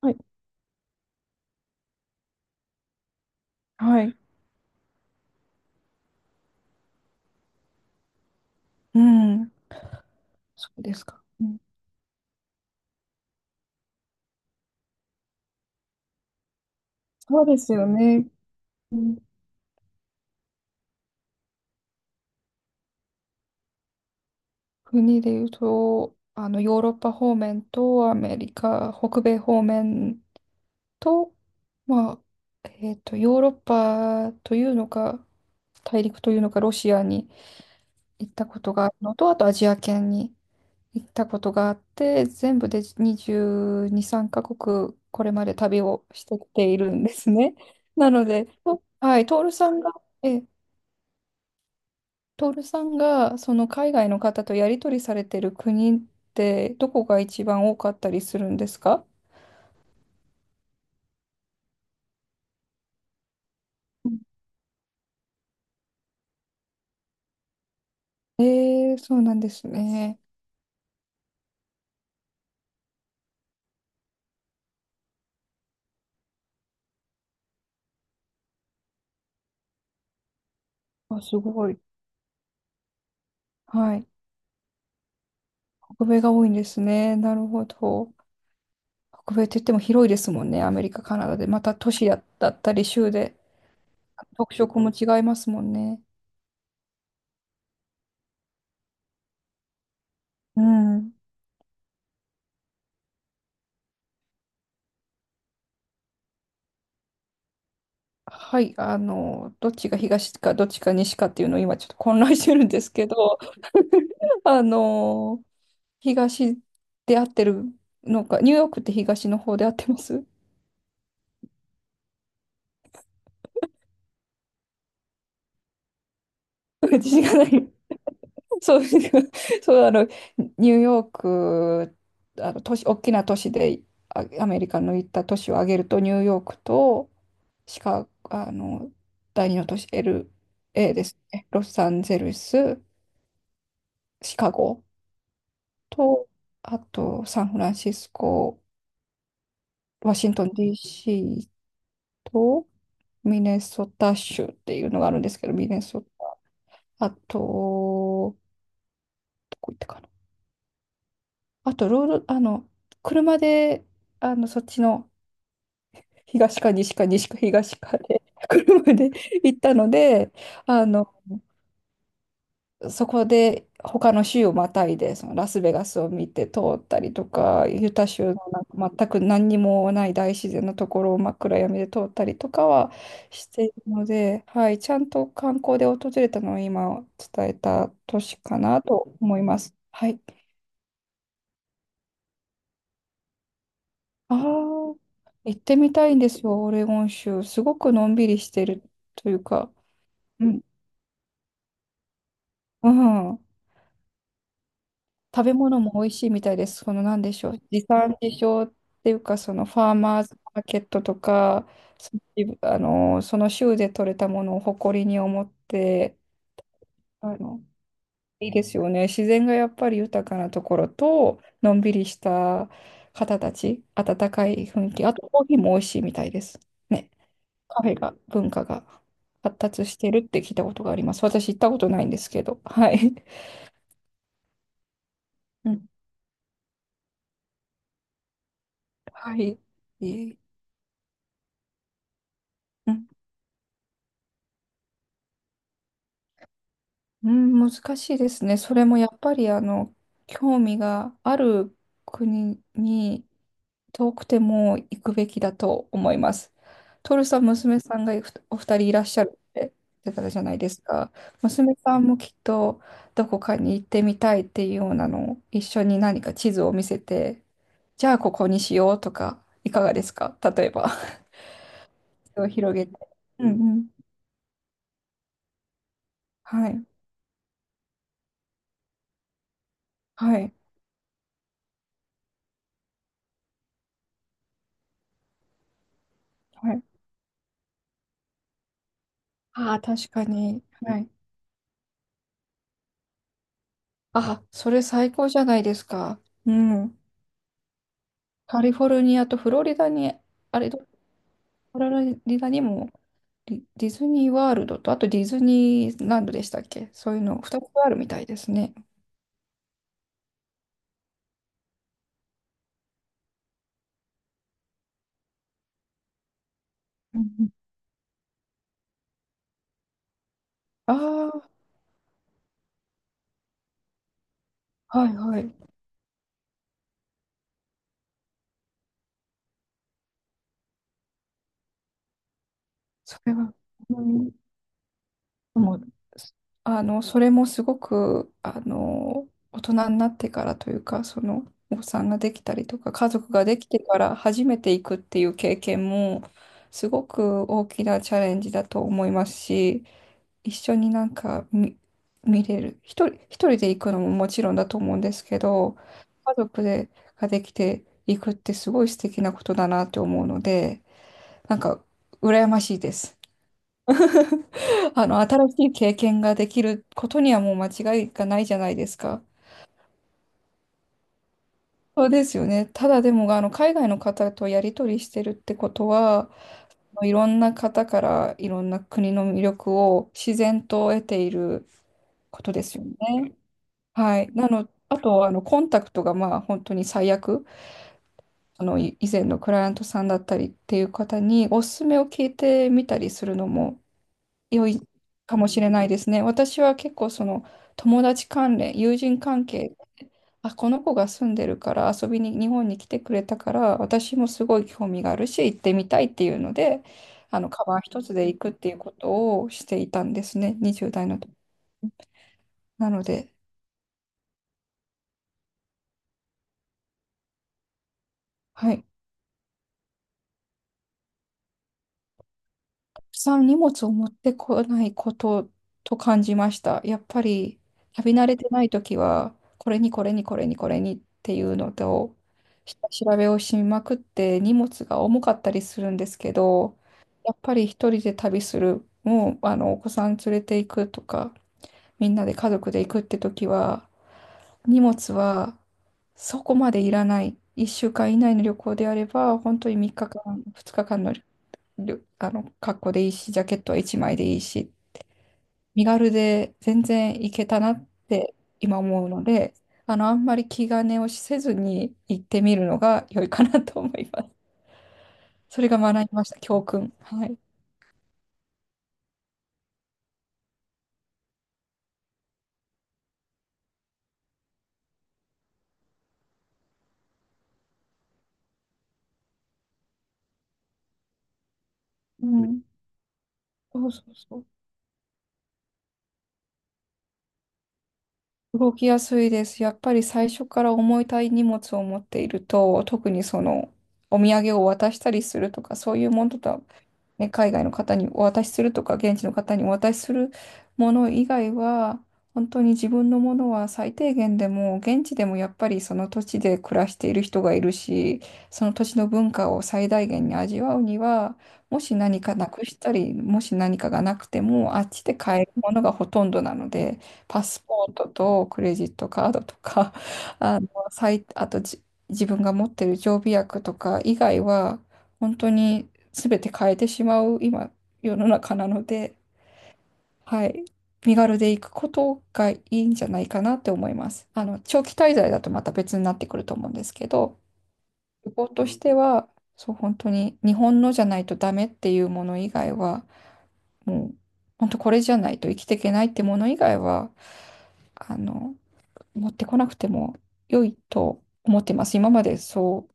はい。はい。うん、そうですか。うん、そうですよね。うん。国で言うと、ヨーロッパ方面とアメリカ、北米方面と、まヨーロッパというのか、大陸というのか、ロシアに行ったことがあるのと、あとアジア圏に行ったことがあって、全部で22、3カ国、これまで旅をしてきているんですね。なので、とはい、トールさんが、え、トールさんがその海外の方とやり取りされてる国ってどこが一番多かったりするんですか？うん。えー、そうなんですね。あ、すごい。はい。北米が多いんですね。なるほど。北米って言っても広いですもんね。アメリカ、カナダで。また都市だったり州で特色も違いますもんね。うん。はい。どっちが東かどっちか西かっていうのを今ちょっと混乱してるんですけど、あの東で合ってるのか、ニューヨークって東の方で合ってます？ 自信がない。そう、そう、あの、ニューヨーク、あの、都市、大きな都市で、アメリカの行った都市を挙げると、ニューヨークと、シカ、あの、第二の都市、LA ですね。ロサンゼルス、シカゴと、あと、サンフランシスコ、ワシントン DC と、ミネソタ州っていうのがあるんですけど、ミネソあと、どこ行ったかな。あと、ロード、あの、車で、そっちの東か西かで、車で行ったので、あの、そこで他の州をまたいで、そのラスベガスを見て通ったりとか、ユタ州のなんか全く何にもない大自然のところを真っ暗闇で通ったりとかはしているので、はい、ちゃんと観光で訪れたのを今伝えた都市かなと思います。はい。ああ、行ってみたいんですよ、オレゴン州。すごくのんびりしてるというか、うん、うん、食べ物も美味しいみたいです。その、なんでしょう、地産地消っていうか、そのファーマーズマーケットとか、そその州で採れたものを誇りに思って、あの、いいですよね。自然がやっぱり豊かなところと、のんびりした方たち、温かい雰囲気、あとコーヒーも美味しいみたいです。ね。カフェが、文化が発達してるって聞いたことがあります。私行ったことないんですけど。はい。うん。はい。いえ。うん、うん、難しいですね。それもやっぱり、興味がある国に遠くても行くべきだと思います。トルさん、娘さんがお二人いらっしゃるって言ってたじゃないですか。娘さんもきっとどこかに行ってみたいっていうようなのを一緒に何か地図を見せて、じゃあここにしようとか、いかがですか例えば。を広げて。うんうん。はい。はい。はい。ああ、確かに。はい。あ、それ最高じゃないですか。うん。カリフォルニアとフロリダに、あれ、どフロリダにもディディズニーワールドと、あとディズニーランドでしたっけ、そういうの2つあるみたいですね。うん。うん、ああ、はいはい。それは、うん、もう、それもすごく、大人になってからというか、その、お子さんができたりとか、家族ができてから初めて行くっていう経験も、すごく大きなチャレンジだと思いますし、一緒になんか見、見れる。一人で行くのももちろんだと思うんですけど、家族で、ができていくってすごい素敵なことだなって思うので、なんか、羨ましいです。新しい経験ができることにはもう間違いがないじゃないですか。そうですよね。ただでも、海外の方とやり取りしてるってことは、いろんな方からいろんな国の魅力を自然と得ていることですよね。はい。なの、あと、コンタクトがまあ本当に最悪、以前のクライアントさんだったりっていう方におすすめを聞いてみたりするのも良いかもしれないですね。私は結構その友人関係、あ、この子が住んでるから遊びに日本に来てくれたから私もすごい興味があるし行ってみたいっていうので、あのカバン一つで行くっていうことをしていたんですね、20代の時。なので、はい。さん荷物を持ってこないことと感じました。やっぱり旅慣れてないときは、これにっていうのと、下調べをしまくって荷物が重かったりするんですけど、やっぱり一人で旅する、もうあのお子さん連れて行くとか、みんなで家族で行くって時は、荷物はそこまでいらない。1週間以内の旅行であれば、本当に3日間、2日間のりょあの、格好でいいし、ジャケットは一枚でいいし、身軽で全然いけたなって今思うので、あんまり気兼ねをせずに行ってみるのが良いかなと思います。それが学びました、教訓。はい。うん。そうそうそう。動きやすいです。やっぱり最初から重たい荷物を持っていると、特にその、お土産を渡したりするとか、そういうものとはね、海外の方にお渡しするとか、現地の方にお渡しするもの以外は、本当に自分のものは最低限でも、現地でもやっぱりその土地で暮らしている人がいるし、その土地の文化を最大限に味わうには、もし何かなくしたり、もし何かがなくても、あっちで買えるものがほとんどなので、パスポートとクレジットカードとか、あの、最あとじ自分が持ってる常備薬とか以外は、本当に全て変えてしまう今世の中なので、はい、身軽で行くことがいいんじゃないかなって思います。あの長期滞在だとまた別になってくると思うんですけど、旅行としてはそう本当に日本のじゃないとダメっていうもの以外はもう本当これじゃないと生きていけないってもの以外はあの持ってこなくても良いと思ってます。今までそ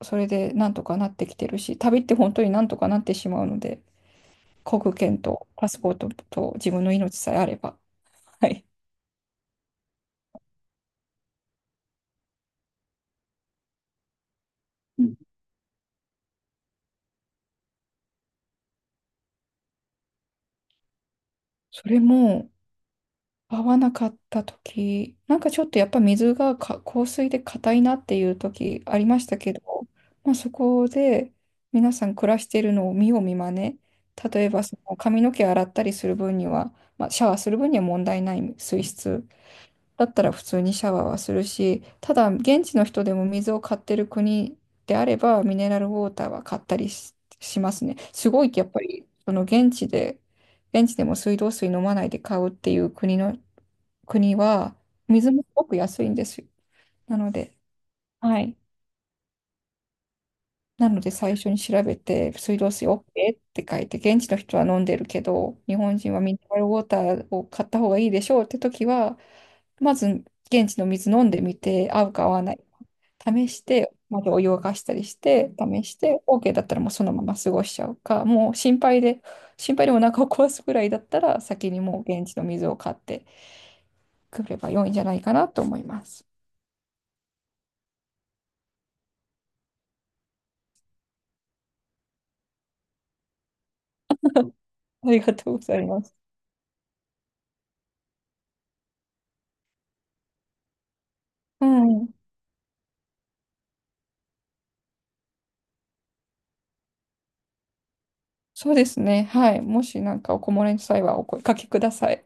うそれでなんとかなってきてるし、旅って本当になんとかなってしまうので。航空券とパスポートと自分の命さえあれば。はい。うん。それも合わなかった時、なんかちょっとやっぱ水がか硬水で硬いなっていう時ありましたけど、まあ、そこで皆さん暮らしているのを見よう見まね。例えばその髪の毛洗ったりする分には、まあ、シャワーする分には問題ない水質だったら普通にシャワーはするし、ただ現地の人でも水を買ってる国であれば、ミネラルウォーターは買ったりし、しますね。すごいやっぱり、その現地で、現地でも水道水飲まないで買うっていう国は、水もすごく安いんですよ。なので、はい。なので最初に調べて、水道水 OK って書いて、現地の人は飲んでるけど、日本人はミネラルウォーターを買った方がいいでしょうって時は、まず現地の水飲んでみて、合うか合わない試して、まずお湯を沸かしたりして、試して、OK だったらもうそのまま過ごしちゃうか、もう心配で、心配でお腹を壊すぐらいだったら、先にもう現地の水を買ってくれば良いんじゃないかなと思います。ありがとうございます。うん。そうですね。はい。もしなんかお困りの際はお声かけください。